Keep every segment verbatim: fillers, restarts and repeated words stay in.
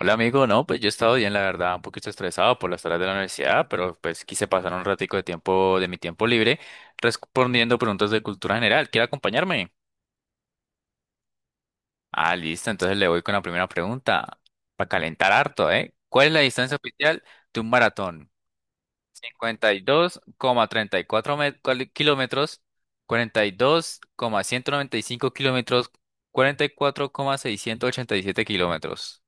Hola amigo, no, pues yo he estado bien, la verdad, un poquito estresado por las tareas de la universidad, pero pues quise pasar un ratico de tiempo de mi tiempo libre respondiendo preguntas de cultura general. ¿Quiere acompañarme? Ah, listo, entonces le voy con la primera pregunta para calentar harto, ¿eh? ¿Cuál es la distancia oficial de un maratón? cincuenta y dos coma treinta y cuatro me- cual- kilómetros, cuarenta y y dos coma ciento noventa y cinco kilómetros, cuarenta y y cuatro coma seiscientos ochenta y siete kilómetros.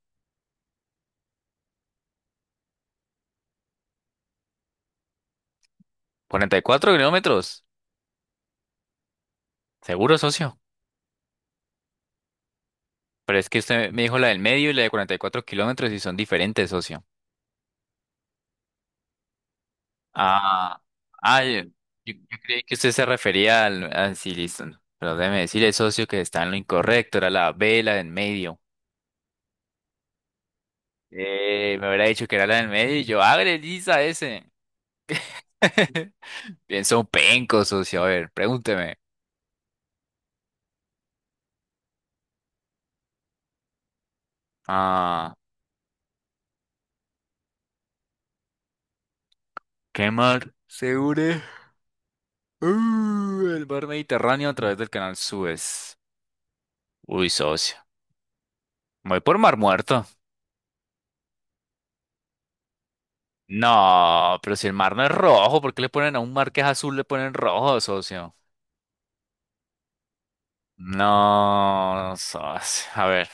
¿Cuarenta y cuatro kilómetros? ¿Seguro, socio? Pero es que usted me dijo la del medio y la de cuarenta y cuatro kilómetros y son diferentes, socio. Ah, ah, yo, yo- yo creí que usted se refería al. Ah, sí, listo. No, Pero déjeme decirle, socio, que está en lo incorrecto. Era la B, la del medio. Eh, me hubiera dicho que era la del medio y yo, ¡agre, lisa ese! Pienso un penco, socio. A ver, pregúnteme. Ah, ¿qué mar se une? Uh, el mar Mediterráneo a través del canal Suez. Uy, socio. Me voy por Mar Muerto. No, pero si el mar no es rojo, ¿por qué le ponen a un mar que es azul, le ponen rojo, socio? No, socio. A ver,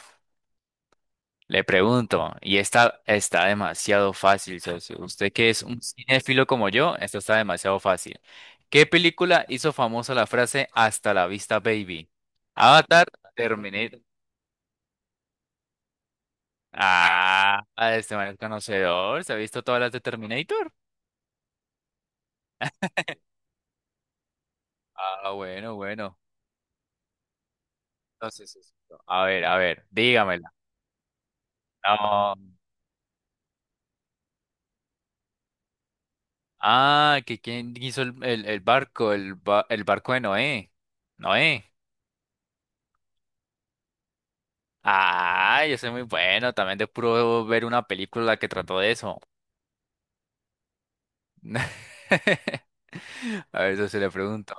le pregunto, y esta está demasiado fácil, socio. Usted que es un cinéfilo como yo, esta está demasiado fácil. ¿Qué película hizo famosa la frase "Hasta la vista, baby"? Avatar, Terminator. Ah, este man es conocedor, se ha visto todas las de Terminator. Ah, bueno, bueno. Entonces, socio, a ver, a ver, dígamela. No. Ah, que quién hizo el, el- el barco, el, ba- el barco de Noé. Noé. Ah, yo soy muy bueno, también de puro ver una película que trató de eso. A ver, eso se le pregunto.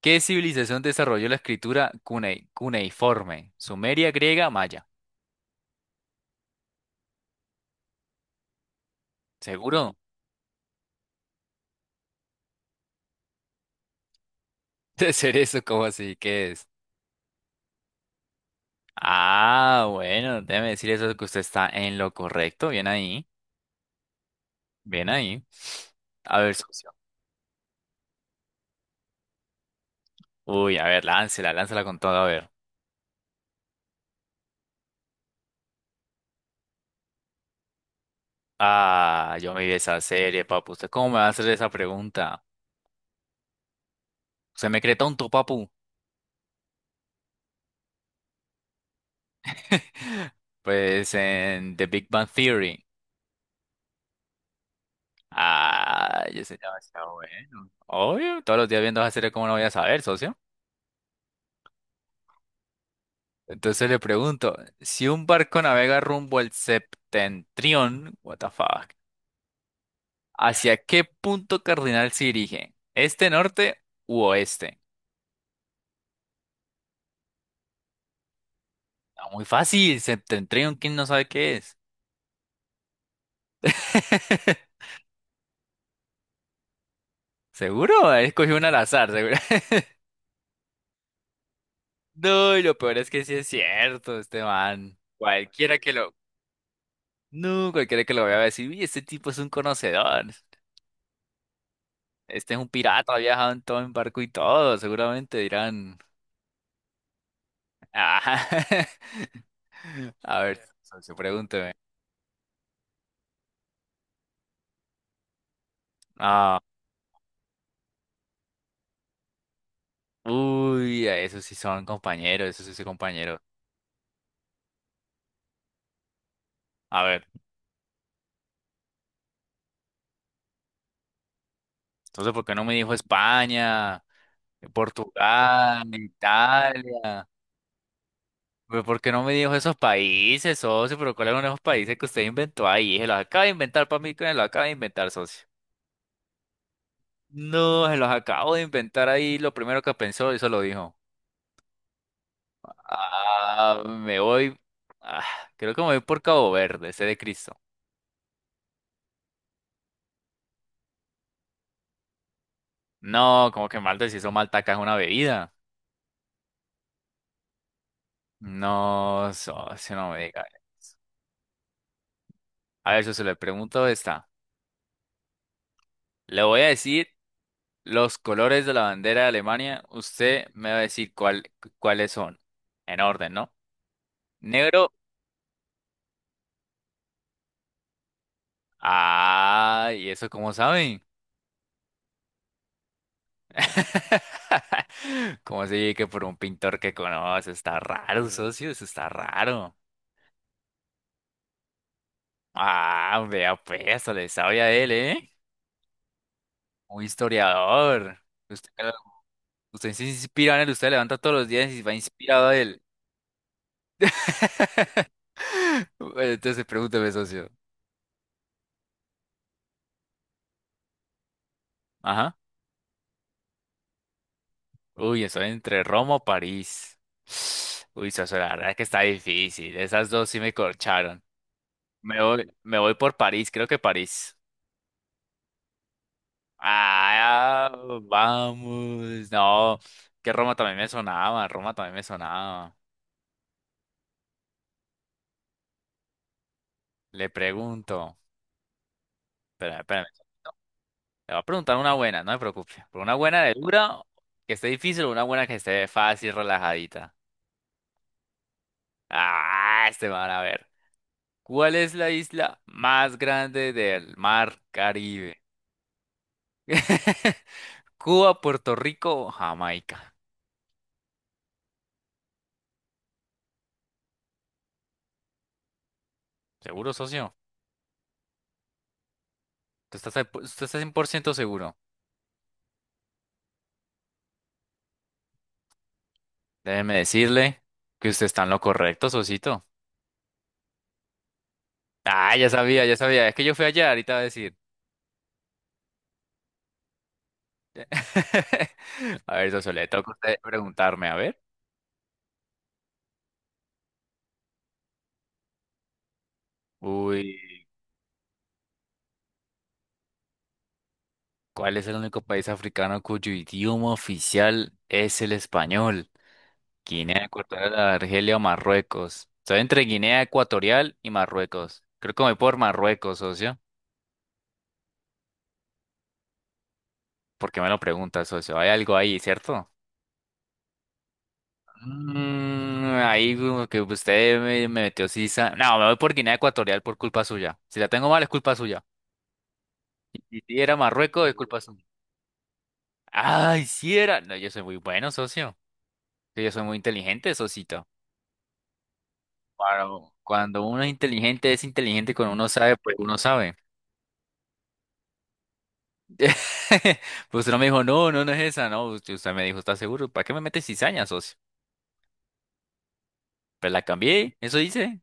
¿Qué civilización desarrolló la escritura cunei- cuneiforme? ¿Sumeria, griega, maya? ¿Seguro? De ser eso, ¿cómo así? ¿Qué es? Ah, bueno, déjeme decir eso que usted está en lo correcto. Bien ahí, bien ahí. A ver, socio. Uy, a ver, láncela, láncela con todo, a ver. Ah, yo me vi esa serie, papu. ¿Usted cómo me va a hacer esa pregunta? Se me cree tonto, papu. Pues en The Big Bang Theory. Ah, yo sé demasiado bueno. Obvio, todos los días viendo esa serie, ¿cómo no voy a saber, socio? Entonces le pregunto, si un barco navega rumbo al septentrión, what the fuck, ¿hacia qué punto cardinal se dirige? ¿Este, norte u oeste? Está muy fácil, septentrión, ¿quién no sabe qué es? ¿Seguro? Escogí una al azar, seguro. No, y lo peor es que sí es cierto, este man. Cualquiera que lo. No, cualquiera que lo vea va a decir, uy, este tipo es un conocedor. Este es un pirata, ha viajado en todo en barco y todo. Seguramente dirán. "Ah". A ver, socio, pregúnteme. Ah, uy, esos sí son compañeros, esos sí son compañeros. A ver, entonces, ¿por qué no me dijo España, Portugal, Italia? Pero ¿por qué no me dijo esos países, socio? ¿Pero cuáles son esos países que usted inventó ahí? Se los acaba de inventar para mí, que me los acaba de inventar, socio. No, se los acabo de inventar ahí. Lo primero que pensó, eso lo dijo. Ah, me voy. Ah, creo que me voy por Cabo Verde, ese de Cristo. No, como que Malta, si eso Malta acá es una bebida. No, socio, no me diga. A ver, socio, le pregunto esta. Le voy a decir los colores de la bandera de Alemania. Usted me va a decir cuál, cu- cuáles son. En orden, ¿no? Negro. Ah, ¿y eso cómo saben? ¿Cómo así que por un pintor que conoce? Está raro, socio, eso está raro. Ah, vea pues, le sabe a él, ¿eh? Un historiador. Usted, usted se inspira en él, usted levanta todos los días y va inspirado a él. Bueno, entonces pregúntame, socio. Ajá. Uy, estoy entre Roma o París. Uy, socio, la verdad es que está difícil. Esas dos sí me corcharon. Me voy, me voy por París, creo que París. Ah, vamos. No, que Roma también me sonaba, Roma también me sonaba. Le pregunto. Espera, espérame. Le voy a preguntar una buena, no me preocupe. Por una buena de dura, que esté difícil, o una buena que esté fácil, relajadita. Ah, este van a ver. ¿Cuál es la isla más grande del mar Caribe? Cuba, Puerto Rico o Jamaica. ¿Seguro, socio? ¿Tú estás, al- usted está cien por ciento seguro? Déjeme decirle que usted está en lo correcto, Sosito. Ah, ya sabía, ya sabía. Es que yo fui allá ahorita va a decir. A ver, Soso, le toca a usted preguntarme, a ver. Uy, ¿cuál es el único país africano cuyo idioma oficial es el español? Guinea Ecuatorial, Argelia o Marruecos. Estoy entre Guinea Ecuatorial y Marruecos. Creo que me voy por Marruecos, socio. ¿Por qué me lo pregunta, socio? Hay algo ahí, ¿cierto? Mm, ahí como que usted me, me metió sisa. No, me voy por Guinea Ecuatorial por culpa suya. Si la tengo mal es culpa suya. Y si sí era Marruecos es culpa suya. Ay, si era. No, yo soy muy bueno, socio. Sí, yo soy muy inteligente, socito. Cuando, cuando uno es inteligente, es inteligente. Cuando uno sabe, pues uno sabe. Pues usted no me dijo, no, no, no es esa. No, usted usted me dijo, ¿estás seguro? ¿Para qué me metes cizaña, socio? Pues la cambié, eso dice.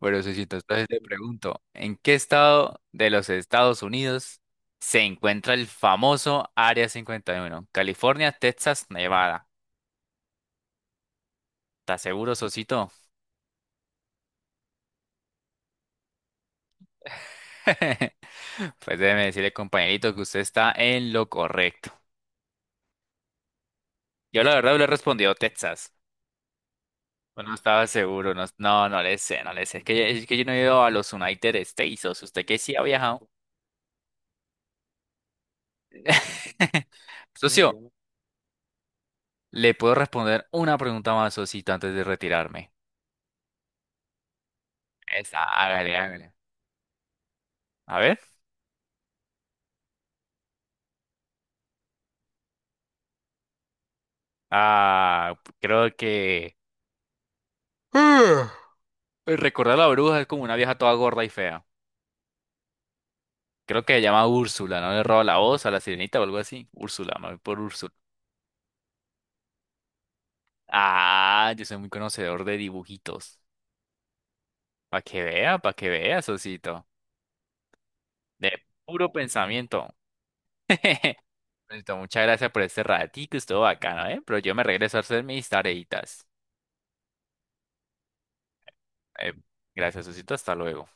Pero Sosito, entonces te pregunto, ¿en qué estado de los Estados Unidos se encuentra el famoso Área cincuenta y uno? California, Texas, Nevada. ¿Estás seguro, Sosito? Pues déjeme decirle, compañerito, que usted está en lo correcto. Yo la verdad le he respondido Texas, pero no estaba seguro, no, no, no le sé, no le sé. Es que, yo- es que yo no he ido a los United States, o sea, usted que sí ha viajado. Socio, le puedo responder una pregunta más, Sosito, antes de retirarme. Esa, hágale, hágale. A ver. Ah, creo que. Ah, recordar a la bruja es como una vieja toda gorda y fea. Creo que se llama Úrsula, ¿no? Le roba la voz a la sirenita o algo así. Úrsula, me voy por Úrsula. Ah, yo soy muy conocedor de dibujitos. Para que vea, para que vea, socito. De puro pensamiento. Listo, muchas gracias por este ratito, estuvo bacano, ¿eh? Pero yo me regreso a hacer mis tareitas. Eh, gracias, socito, hasta luego.